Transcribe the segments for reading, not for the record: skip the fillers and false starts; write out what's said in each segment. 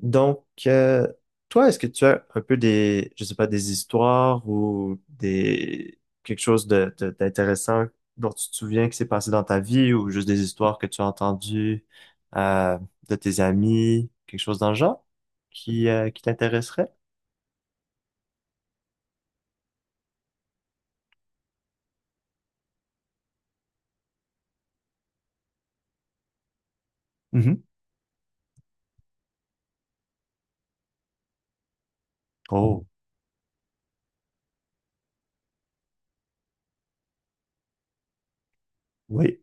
Donc, euh, toi, est-ce que tu as un peu je sais pas, des histoires ou des quelque chose d'intéressant dont tu te souviens qui s'est passé dans ta vie ou juste des histoires que tu as entendues euh, de tes amis, quelque chose dans le genre qui t'intéresserait? Mhm. Oh, oui.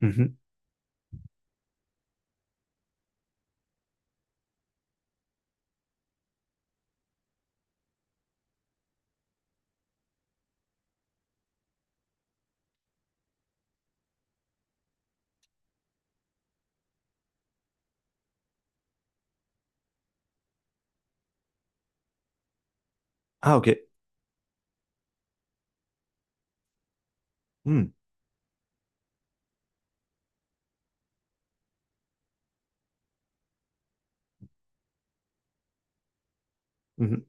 Mhm. Ah, OK. Hmm. Mhm.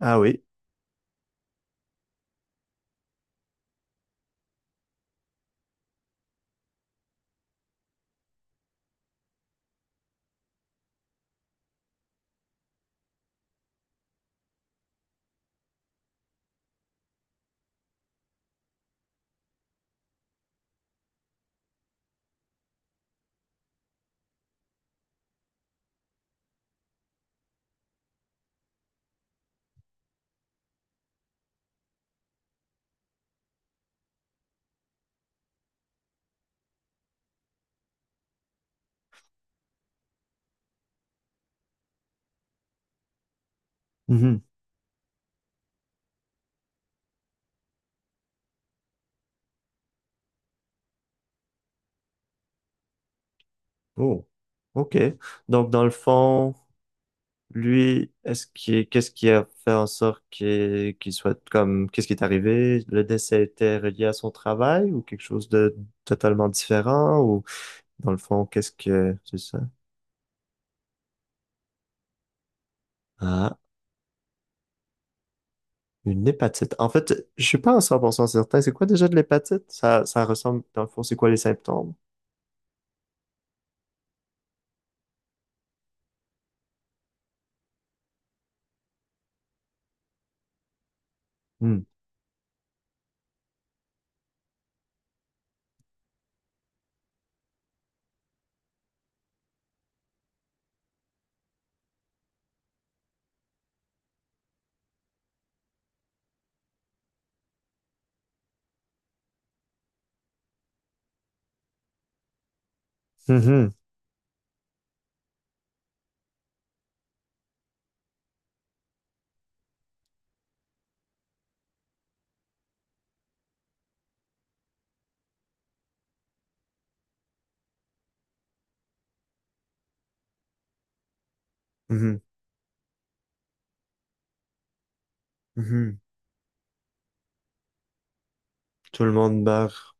Ah oui. Mhm. Oh, OK. Donc, dans le fond, lui, qu'est-ce qui a fait en sorte qu'il soit comme, qu'est-ce qui est arrivé? Le décès était relié à son travail ou quelque chose de totalement différent ou dans le fond, qu'est-ce que, c'est ça? Ah, une hépatite. En fait, je suis pas en 100% certain. C'est quoi déjà de l'hépatite? Ça ressemble, dans le fond, c'est quoi les symptômes? Hmm. Mhm. Mhm. Mhm. Tout le monde meurt.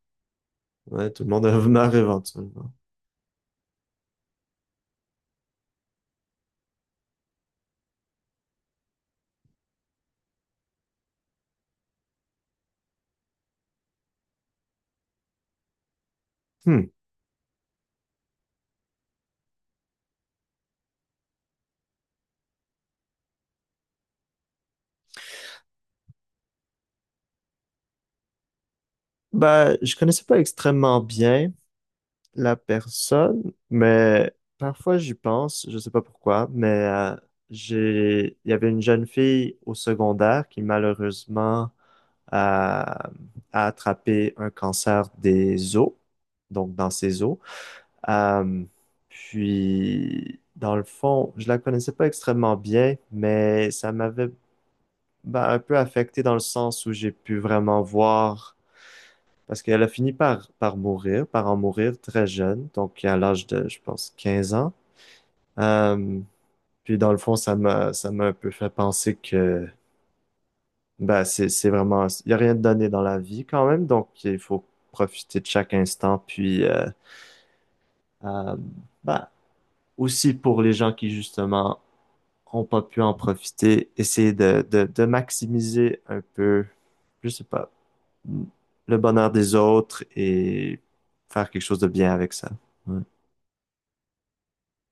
Ouais, tout le monde meurt éventuellement. Hmm. Ben, je connaissais pas extrêmement bien la personne, mais parfois j'y pense, je sais pas pourquoi, mais j'ai, il y avait une jeune fille au secondaire qui malheureusement a attrapé un cancer des os, donc dans ses os. Euh, Puis, dans le fond, je la connaissais pas extrêmement bien, mais ça m'avait ben, un peu affecté dans le sens où j'ai pu vraiment voir. Parce qu'elle a fini par mourir, par en mourir très jeune, donc à l'âge de, je pense, 15 ans. Euh, Puis dans le fond, ça m'a un peu fait penser que, bah, c'est vraiment, il y a rien de donné dans la vie quand même, donc il faut profiter de chaque instant. Euh, bah, aussi pour les gens qui justement ont pas pu en profiter, essayer de maximiser un peu, je sais pas, le bonheur des autres et faire quelque chose de bien avec ça. Ouais.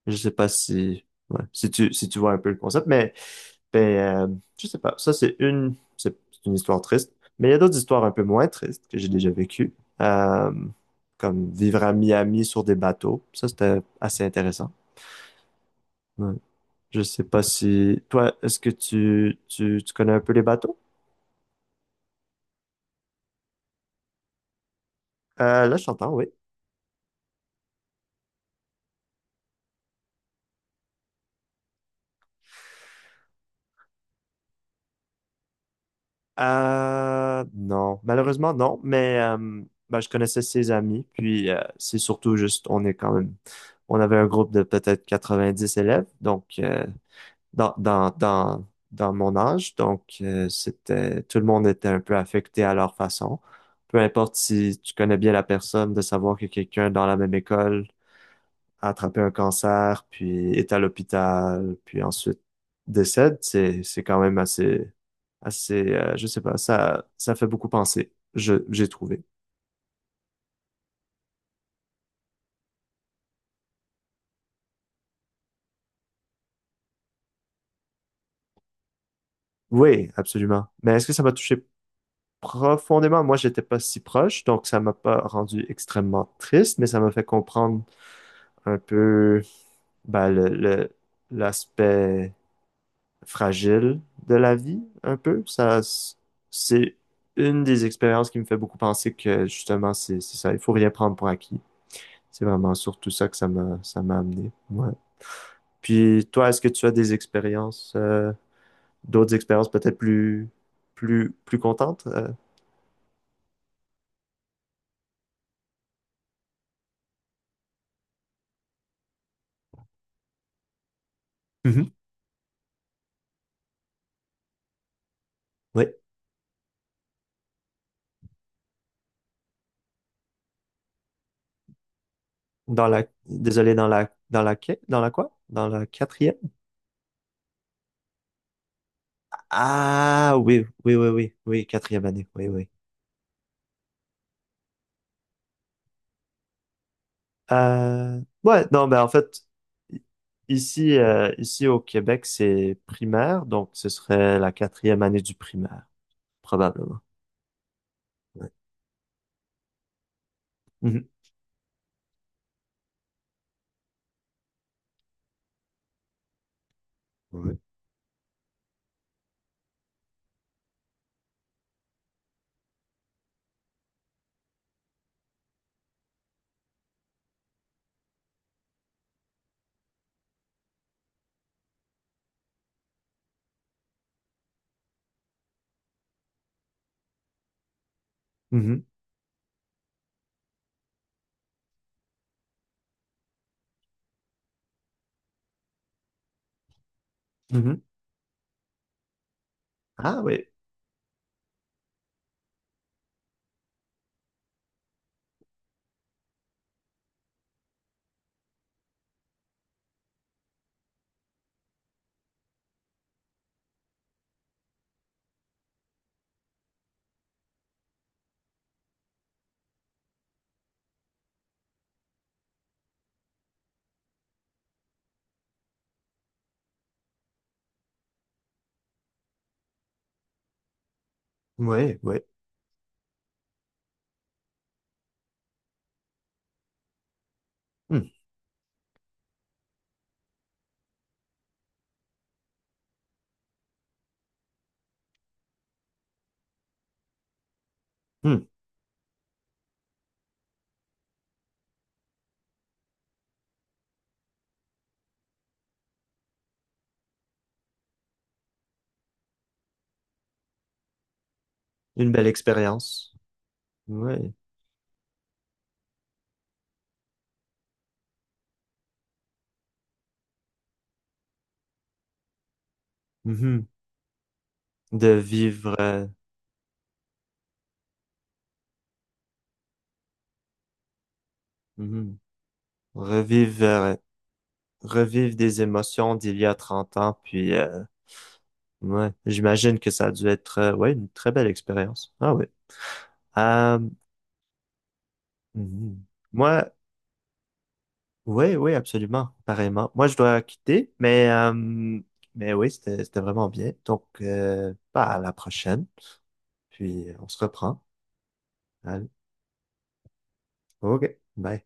Je sais pas si, ouais, si tu vois un peu le concept, mais je sais pas. Ça, c'est une histoire triste. Mais il y a d'autres histoires un peu moins tristes que j'ai déjà vécues. Euh, Comme vivre à Miami sur des bateaux. Ça, c'était assez intéressant. Ouais. Je sais pas si, toi, est-ce que tu connais un peu les bateaux? Là, je t'entends, oui. Non, malheureusement non, mais ben, je connaissais ses amis, puis c'est surtout juste, on est quand même, on avait un groupe de peut-être 90 élèves, donc dans mon âge, donc c'était, tout le monde était un peu affecté à leur façon. Peu importe si tu connais bien la personne, de savoir que quelqu'un dans la même école a attrapé un cancer, puis est à l'hôpital, puis ensuite décède, c'est quand même assez je sais pas, ça ça fait beaucoup penser, je j'ai trouvé. Oui, absolument. Mais est-ce que ça m'a touché profondément? Moi, j'étais pas si proche, donc ça m'a pas rendu extrêmement triste, mais ça m'a fait comprendre un peu ben, l'aspect fragile de la vie, un peu. C'est une des expériences qui me fait beaucoup penser que justement, c'est ça, il faut rien prendre pour acquis. C'est vraiment surtout ça que ça m'a amené. Ouais. Puis toi, est-ce que tu as des expériences, d'autres expériences peut-être plus contentes, euh? Mhm. Oui. Dans la, désolé, dans la quoi? Dans la quatrième? Ah oui, oui, oui, oui, oui, quatrième année, oui, oui. Ouais, non, ben en fait, i- ici, ici au Québec, c'est primaire, donc ce serait la quatrième année du primaire, probablement. Ouais. Mhm, ouais. Mhm, mhm. Ah oui, oui, oui. Hum, hum. Une belle expérience. Oui. Mhm. De vivre, mhm. Revivre, revivre des émotions d'il y a 30 ans, puis ouais, j'imagine que ça a dû être, ouais, une très belle expérience. Ah oui. Euh, mhm. Moi, oui, oui, absolument, pareillement. Moi, je dois quitter, mais oui, c'était, c'était vraiment bien. Donc, bah, à la prochaine, puis on se reprend. Allez, OK, bye.